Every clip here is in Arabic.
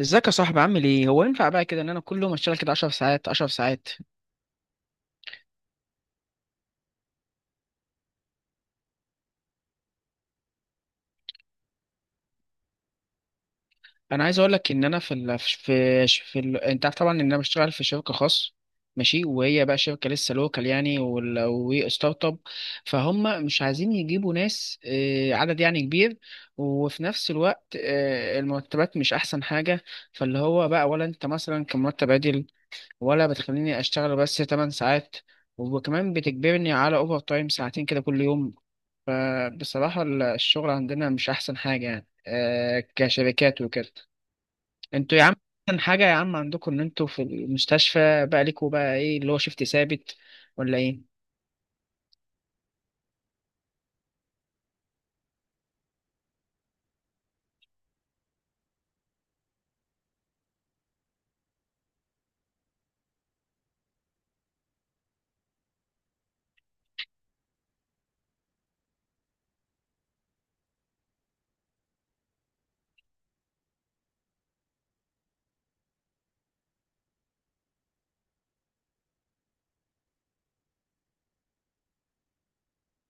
ازيك يا صاحبي، عامل ايه؟ هو ينفع بقى كده ان انا كل يوم اشتغل كده 10 ساعات 10 ساعات؟ انا عايز اقول لك ان انا في ال... في في ال... انت عارف طبعا ان انا بشتغل في شركه خاص. ماشي، وهي بقى شركه لسه لوكال يعني، وستارت اب. فهم مش عايزين يجيبوا ناس، عدد يعني كبير. وفي نفس الوقت، المرتبات مش احسن حاجه. فاللي هو بقى، ولا انت مثلا كمرتب عادل، ولا بتخليني اشتغل بس 8 ساعات وكمان بتجبرني على اوفر تايم ساعتين كده كل يوم. فبصراحة الشغل عندنا مش أحسن حاجة يعني، كشركات وكده. انتوا يا عم أحسن حاجة، يا عم عندكم إن انتوا في المستشفى بقى ليكوا بقى، إيه اللي هو شيفت ثابت ولا إيه؟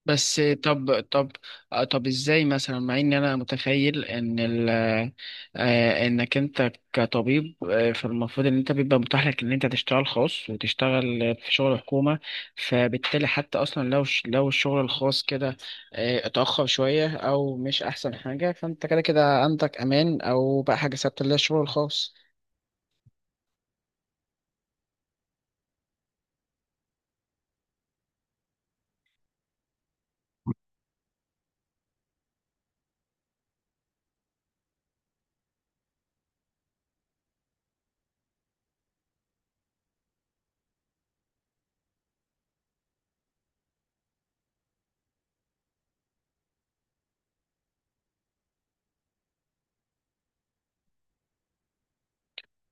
بس طب، طب ازاي مثلا؟ مع ان انا متخيل ان ال آه، آه، انك انت كطبيب، فالمفروض ان انت بيبقى متاح لك ان انت تشتغل خاص وتشتغل في شغل حكومة. فبالتالي حتى اصلا لو لو الشغل الخاص كده، اتأخر شوية او مش احسن حاجة، فانت كده كده عندك امان او بقى حاجة ثابتة اللي هي الشغل الخاص.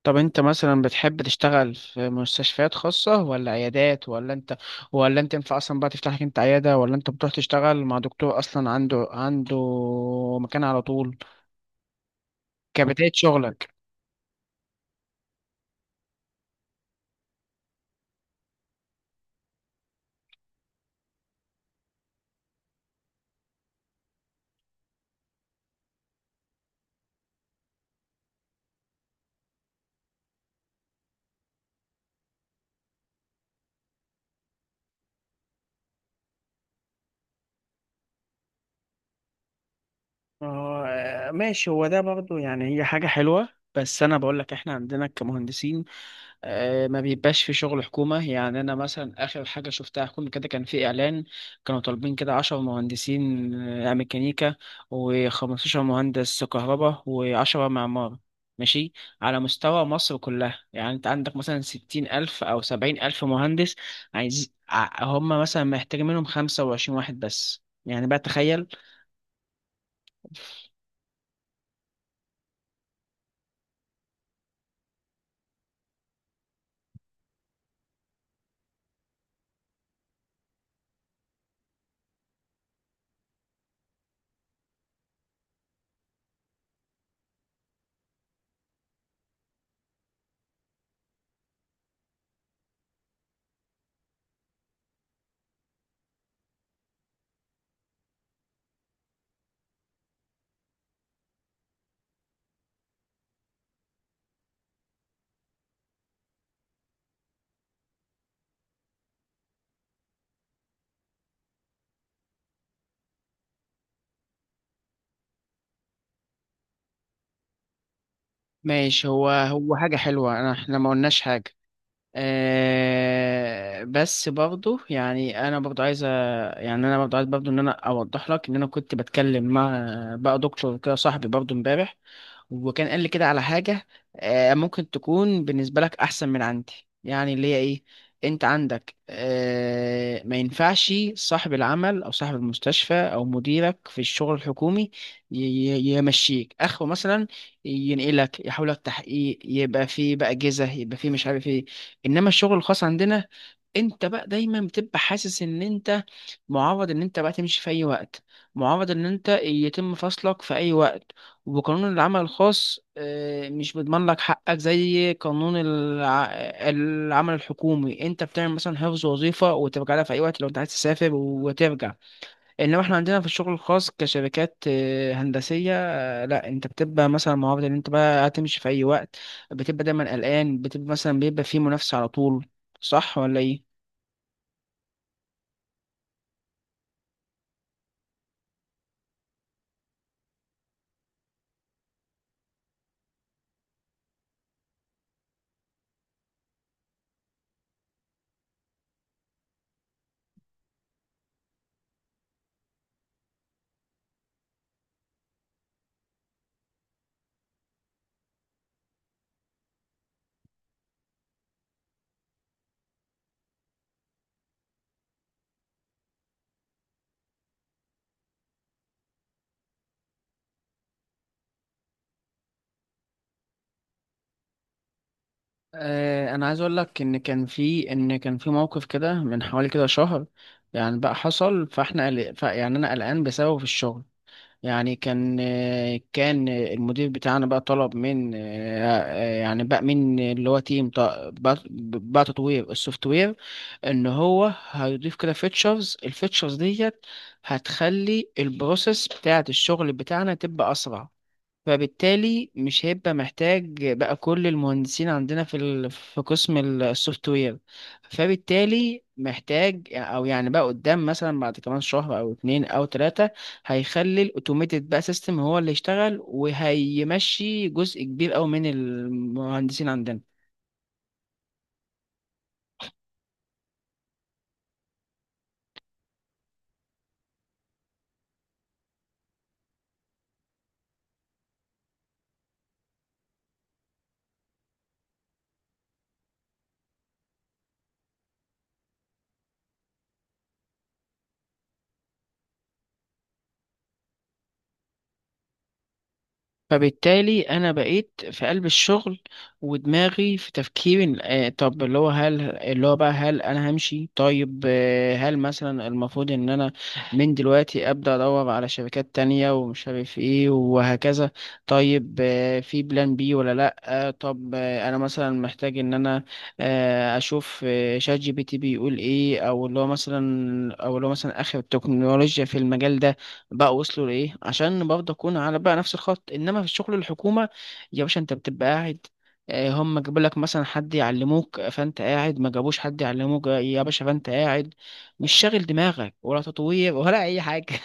طب انت مثلا بتحب تشتغل في مستشفيات خاصة ولا عيادات، ولا انت ينفع اصلا بقى تفتح لك انت عيادة، ولا انت بتروح تشتغل مع دكتور اصلا عنده مكان على طول كبداية شغلك؟ آه ماشي. هو ده برضو يعني هي حاجة حلوة. بس أنا بقول لك إحنا عندنا كمهندسين، ما بيبقاش في شغل حكومة. يعني أنا مثلا آخر حاجة شفتها حكومة كده كان في إعلان، كانوا طالبين كده 10 مهندسين ميكانيكا و15 مهندس كهرباء و10 معمار. ماشي، على مستوى مصر كلها. يعني أنت عندك مثلا 60 ألف أو 70 ألف مهندس عايز، هم مثلا محتاجين منهم 25 واحد بس. يعني بقى تخيل. ماشي، هو حاجة حلوة. إحنا ما قلناش حاجة. بس برضو يعني انا برضو عايز برضو ان انا اوضح لك ان انا كنت بتكلم مع بقى دكتور كده صاحبي برضو امبارح، وكان قال لي كده على حاجة ممكن تكون بالنسبة لك أحسن من عندي. يعني اللي هي إيه، أنت عندك، ما ينفعش صاحب العمل أو صاحب المستشفى أو مديرك في الشغل الحكومي يمشيك أخو مثلا، ينقلك، يحولك تحقيق، يبقى فيه بقى جزة، يبقى فيه مش عارف إيه. إنما الشغل الخاص عندنا، انت بقى دايما بتبقى حاسس ان انت معرض ان انت بقى تمشي في اي وقت، معرض ان انت يتم فصلك في اي وقت. وقانون العمل الخاص، مش بيضمن لك حقك زي قانون العمل الحكومي. انت بتعمل مثلا حفظ وظيفة وترجع لها في اي وقت لو انت عايز تسافر وترجع. انما احنا عندنا في الشغل الخاص كشركات، هندسية، لا، انت بتبقى مثلا معرض ان انت بقى هتمشي في اي وقت. بتبقى دايما قلقان، بتبقى مثلا بيبقى في منافسة على طول. صح ولا ايه؟ انا عايز اقول لك ان كان في موقف كده من حوالي كده شهر يعني بقى حصل. فاحنا يعني انا قلقان بسببه في الشغل. يعني كان المدير بتاعنا بقى طلب من يعني بقى من اللي هو تيم بقى تطوير السوفت وير، ان هو هيضيف كده الفيتشرز ديت هتخلي البروسيس بتاعة الشغل بتاعنا تبقى اسرع. فبالتالي مش هيبقى محتاج بقى كل المهندسين عندنا في قسم السوفت وير. فبالتالي محتاج، او يعني بقى قدام مثلا بعد كمان شهر او 2 او 3، هيخلي الاوتوميتد بقى سيستم هو اللي يشتغل وهيمشي جزء كبير قوي من المهندسين عندنا. فبالتالي انا بقيت في قلب الشغل ودماغي في تفكير، طب اللي هو هل اللي هو بقى هل انا همشي؟ طيب، هل مثلا المفروض ان انا من دلوقتي ابدا ادور على شركات تانية ومش عارف ايه وهكذا؟ طيب، في بلان بي ولا لا؟ آه، طب آه، انا مثلا محتاج ان انا، اشوف، شات جي بي تي بيقول ايه، او اللي هو مثلا اخر التكنولوجيا في المجال ده بقى وصلوا لايه، عشان برضه اكون على بقى نفس الخط. انما في الشغل الحكومه يا باشا انت بتبقى قاعد، هم جابوا لك مثلا حد يعلموك فانت قاعد، ما جابوش حد يعلموك يا باشا فانت قاعد مش شاغل دماغك ولا تطوير ولا اي حاجه.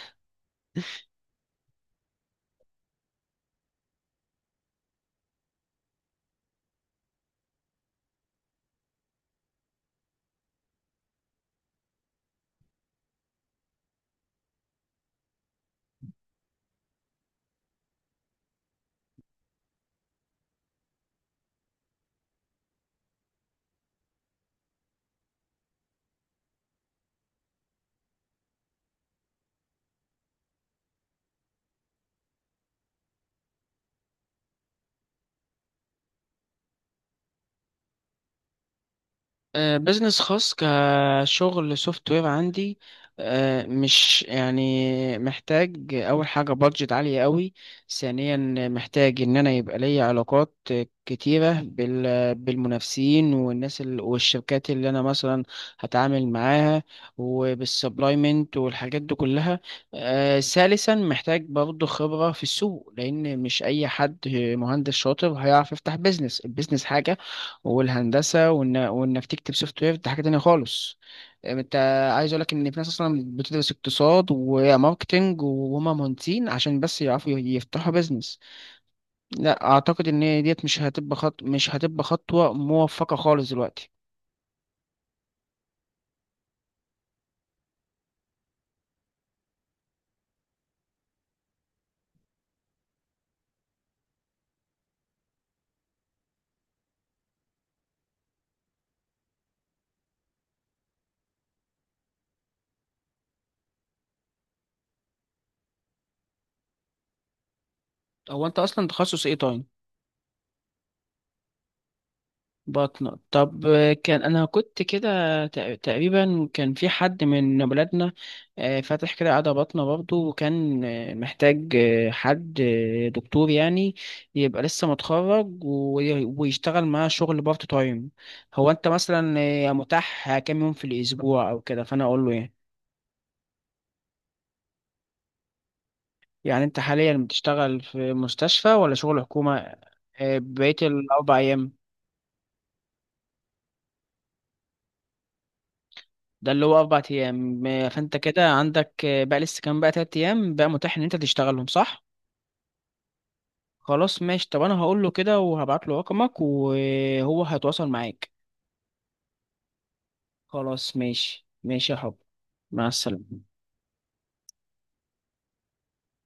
بزنس خاص كشغل سوفت وير عندي، مش يعني محتاج اول حاجه بادجت عاليه قوي. ثانيا، محتاج ان انا يبقى ليا علاقات كتيره بالمنافسين والناس والشركات اللي انا مثلا هتعامل معاها وبالسبلايمنت والحاجات دي كلها. ثالثا، محتاج برضه خبره في السوق، لان مش اي حد مهندس شاطر هيعرف يفتح بزنس. البزنس حاجه والهندسه، وانك تكتب سوفت وير دي حاجه تانية خالص. انت، عايز اقول لك ان في ناس اصلا بتدرس اقتصاد وماركتنج وهما مهندسين عشان بس يعرفوا يفتحوا بيزنس. لا اعتقد ان ديت مش هتبقى خطوه موفقه خالص دلوقتي. هو انت اصلا تخصص ايه طيب؟ بطنة؟ طب، كان أنا كنت كده تقريبا، كان في حد من ولادنا، فاتح كده عيادة بطنة برضه، وكان، محتاج، حد، دكتور يعني، يبقى لسه متخرج ويشتغل معاه شغل بارت تايم. هو أنت مثلا، متاح كام يوم في الأسبوع أو كده، فأنا أقول له. يعني أنت حاليا بتشتغل في مستشفى ولا شغل حكومة بقية الأربع أيام؟ ده اللي هو 4 ايام. فانت كده عندك، بقى لسه كام بقى 3 ايام بقى متاح ان انت تشتغلهم، صح؟ خلاص ماشي. طب انا هقول له كده وهبعت له رقمك وهو هيتواصل معاك. خلاص ماشي، ماشي يا حب. مع السلامة.